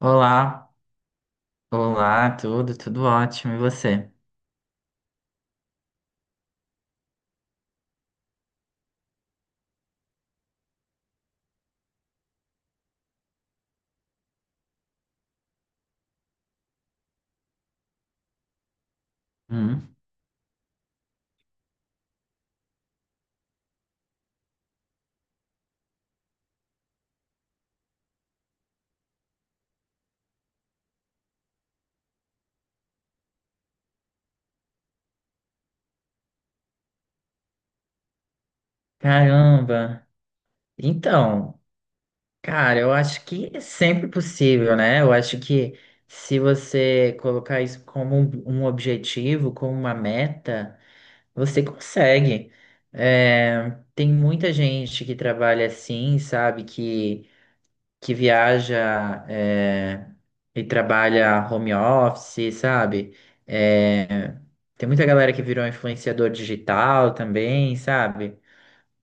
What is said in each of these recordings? Olá, olá, tudo, tudo ótimo, e você? Hum? Caramba! Então, cara, eu acho que é sempre possível, né? Eu acho que se você colocar isso como um objetivo, como uma meta, você consegue. É, tem muita gente que trabalha assim, sabe? Que viaja e trabalha home office, sabe? É, tem muita galera que virou influenciador digital também, sabe?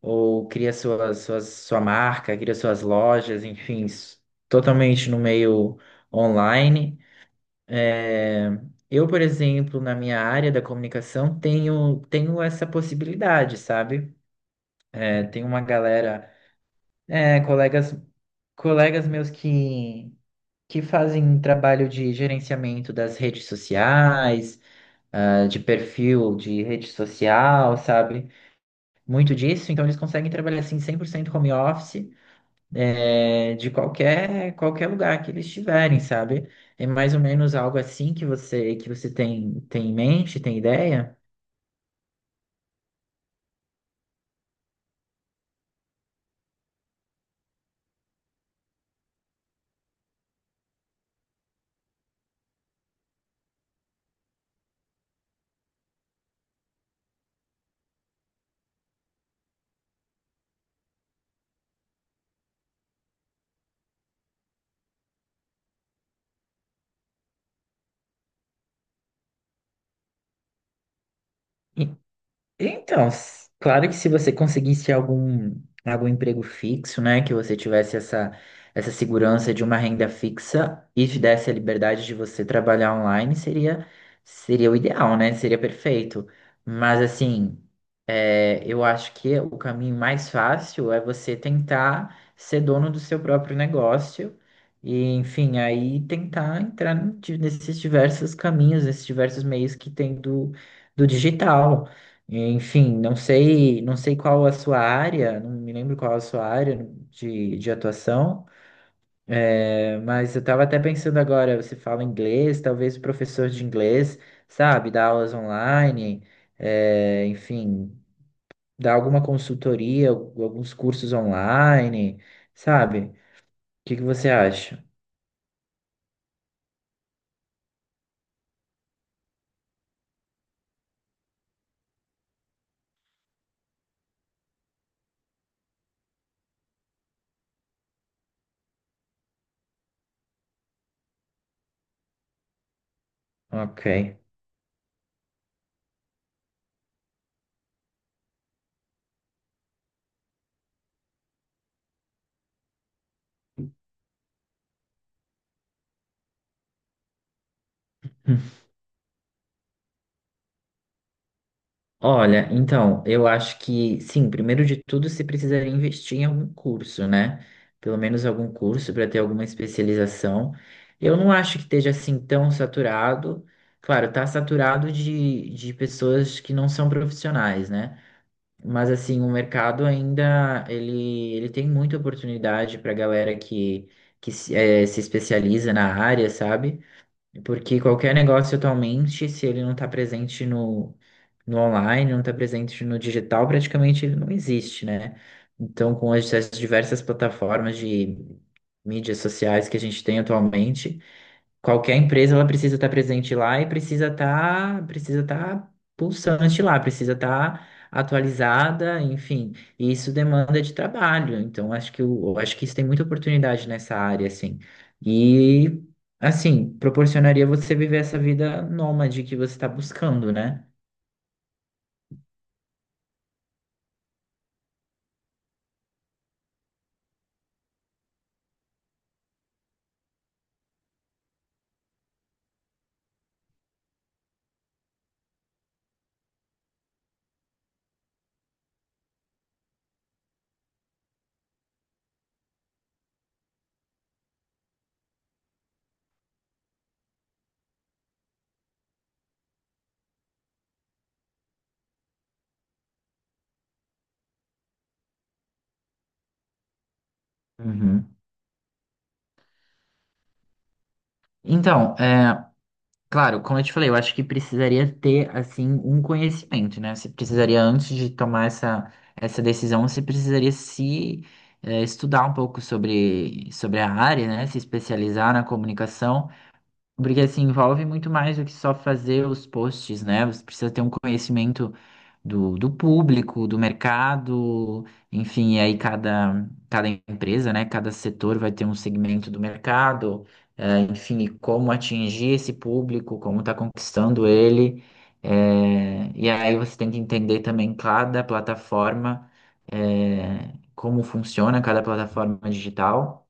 Ou cria sua marca, cria suas lojas, enfim, totalmente no meio online. É, eu, por exemplo, na minha área da comunicação, tenho, tenho essa possibilidade, sabe? É, tem uma galera, é, colegas, colegas meus que fazem trabalho de gerenciamento das redes sociais, de perfil de rede social, sabe? Muito disso, então eles conseguem trabalhar assim 100% home office, de qualquer lugar que eles estiverem, sabe? É mais ou menos algo assim que você tem em mente, tem ideia? Então, claro que se você conseguisse algum, algum emprego fixo, né, que você tivesse essa, essa segurança de uma renda fixa e te desse a liberdade de você trabalhar online, seria, seria o ideal, né? Seria perfeito. Mas, assim, é, eu acho que o caminho mais fácil é você tentar ser dono do seu próprio negócio e, enfim, aí tentar entrar nesses diversos caminhos, nesses diversos meios que tem do, do digital. É, enfim, não sei, não sei qual a sua área, não me lembro qual a sua área de atuação, é, mas eu estava até pensando agora, você fala inglês, talvez o professor de inglês, sabe, dá aulas online, é, enfim, dá alguma consultoria, alguns cursos online, sabe? O que que você acha? Ok. Olha, então, eu acho que, sim, primeiro de tudo, você precisaria investir em algum curso, né? Pelo menos algum curso para ter alguma especialização. Eu não acho que esteja assim tão saturado. Claro, tá saturado de pessoas que não são profissionais, né? Mas assim, o mercado ainda ele tem muita oportunidade para galera que se se especializa na área, sabe? Porque qualquer negócio atualmente, se ele não está presente no, no online, não está presente no digital, praticamente ele não existe, né? Então, com as, as diversas plataformas de mídias sociais que a gente tem atualmente, qualquer empresa ela precisa estar presente lá e precisa estar pulsante lá, precisa estar atualizada, enfim. E isso demanda de trabalho. Então acho que eu acho que isso tem muita oportunidade nessa área assim. E assim, proporcionaria você viver essa vida nômade que você está buscando, né? Uhum. Então, claro, como eu te falei, eu acho que precisaria ter, assim, um conhecimento, né? Você precisaria, antes de tomar essa, essa decisão, você precisaria se eh, estudar um pouco sobre, sobre a área, né? Se especializar na comunicação. Porque assim, envolve muito mais do que só fazer os posts, né? Você precisa ter um conhecimento do, do público, do mercado, enfim, e aí cada, cada empresa, né? Cada setor vai ter um segmento do mercado, enfim, e como atingir esse público, como está conquistando ele. E aí você tem que entender também cada plataforma, como funciona cada plataforma digital.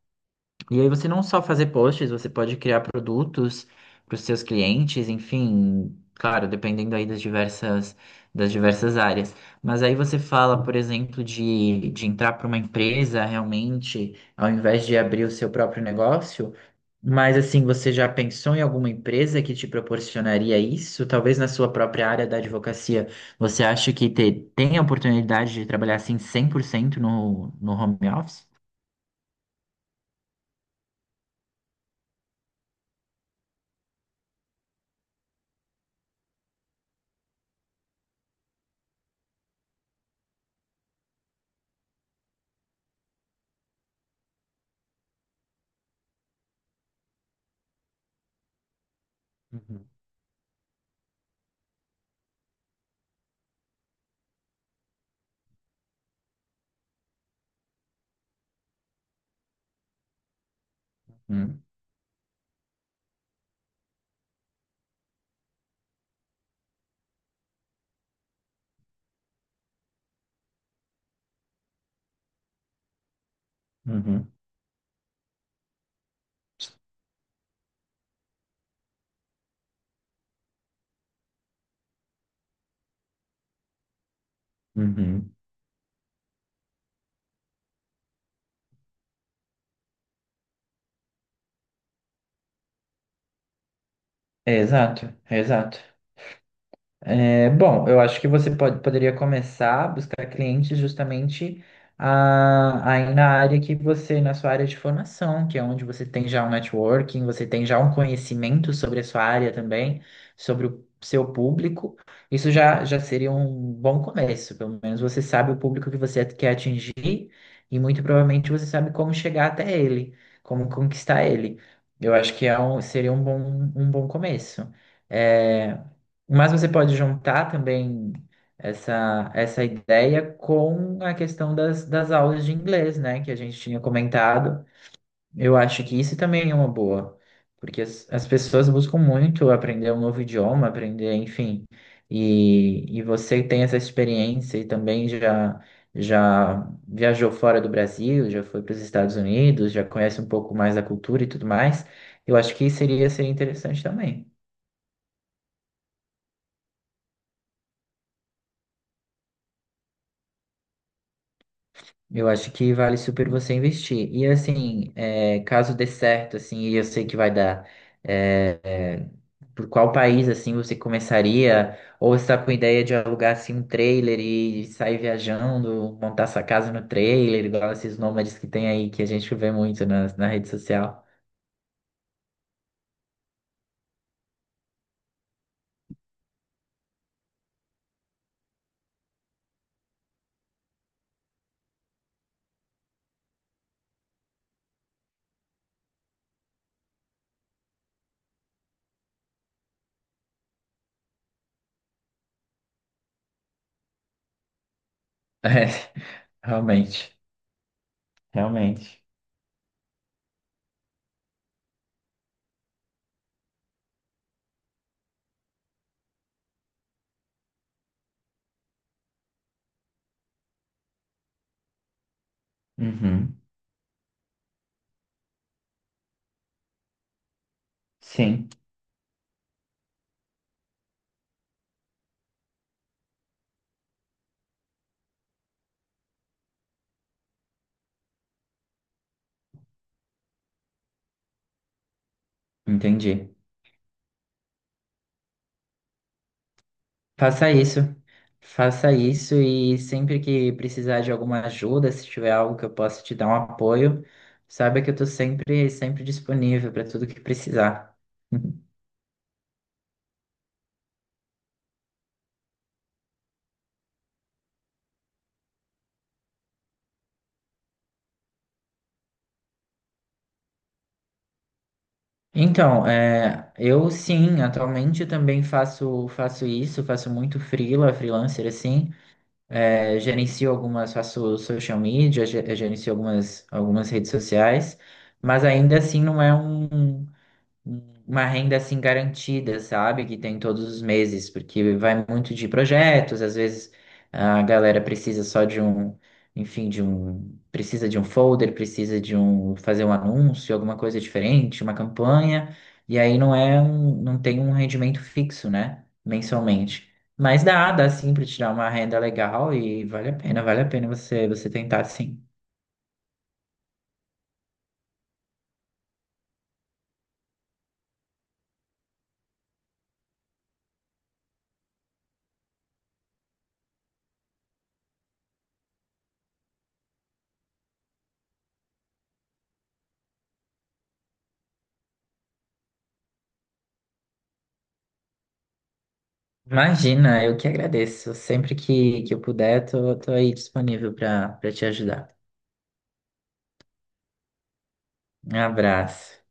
E aí você não só fazer posts, você pode criar produtos para os seus clientes, enfim, claro, dependendo aí das diversas áreas. Mas aí você fala, por exemplo, de entrar para uma empresa realmente, ao invés de abrir o seu próprio negócio. Mas assim, você já pensou em alguma empresa que te proporcionaria isso? Talvez na sua própria área da advocacia, você acha que tem a oportunidade de trabalhar assim 100% no, no home office? Uhum. Uhum. Uhum. Uhum. É exato, é exato. É, bom, eu acho que você pode, poderia começar a buscar clientes justamente aí na área que você, na sua área de formação, que é onde você tem já um networking, você tem já um conhecimento sobre a sua área também, sobre o seu público. Isso já, já seria um bom começo, pelo menos você sabe o público que você quer atingir e muito provavelmente você sabe como chegar até ele, como conquistar ele. Eu acho que é seria um bom começo. É, mas você pode juntar também essa ideia com a questão das, das aulas de inglês, né? Que a gente tinha comentado. Eu acho que isso também é uma boa, porque as pessoas buscam muito aprender um novo idioma, aprender, enfim. E você tem essa experiência e também já, já viajou fora do Brasil, já foi para os Estados Unidos, já conhece um pouco mais da cultura e tudo mais. Eu acho que seria, seria interessante também. Eu acho que vale super você investir. E assim, é, caso dê certo, assim, e eu sei que vai dar, é, é, por qual país, assim, você começaria? Ou você tá com ideia de alugar, assim, um trailer e sair viajando, montar sua casa no trailer, igual esses nômades que tem aí, que a gente vê muito na, na rede social. É, realmente, realmente. Uhum, sim, entendi. Faça isso. Faça isso e sempre que precisar de alguma ajuda, se tiver algo que eu possa te dar um apoio, saiba que eu estou sempre, sempre disponível para tudo que precisar. Então, é, eu sim, atualmente também faço faço isso, faço muito freela, freelancer assim, é, gerencio algumas, faço social media, gerencio algumas algumas redes sociais, mas ainda assim não é uma renda assim garantida, sabe? Que tem todos os meses, porque vai muito de projetos, às vezes a galera precisa só de um, enfim, de um, precisa de um folder, precisa de um, fazer um anúncio, alguma coisa diferente, uma campanha, e aí não é um, não tem um rendimento fixo, né? Mensalmente. Mas dá, dá sim para tirar uma renda legal e vale a pena você tentar sim. Imagina, eu que agradeço. Sempre que eu puder, tô, tô aí disponível para para te ajudar. Um abraço.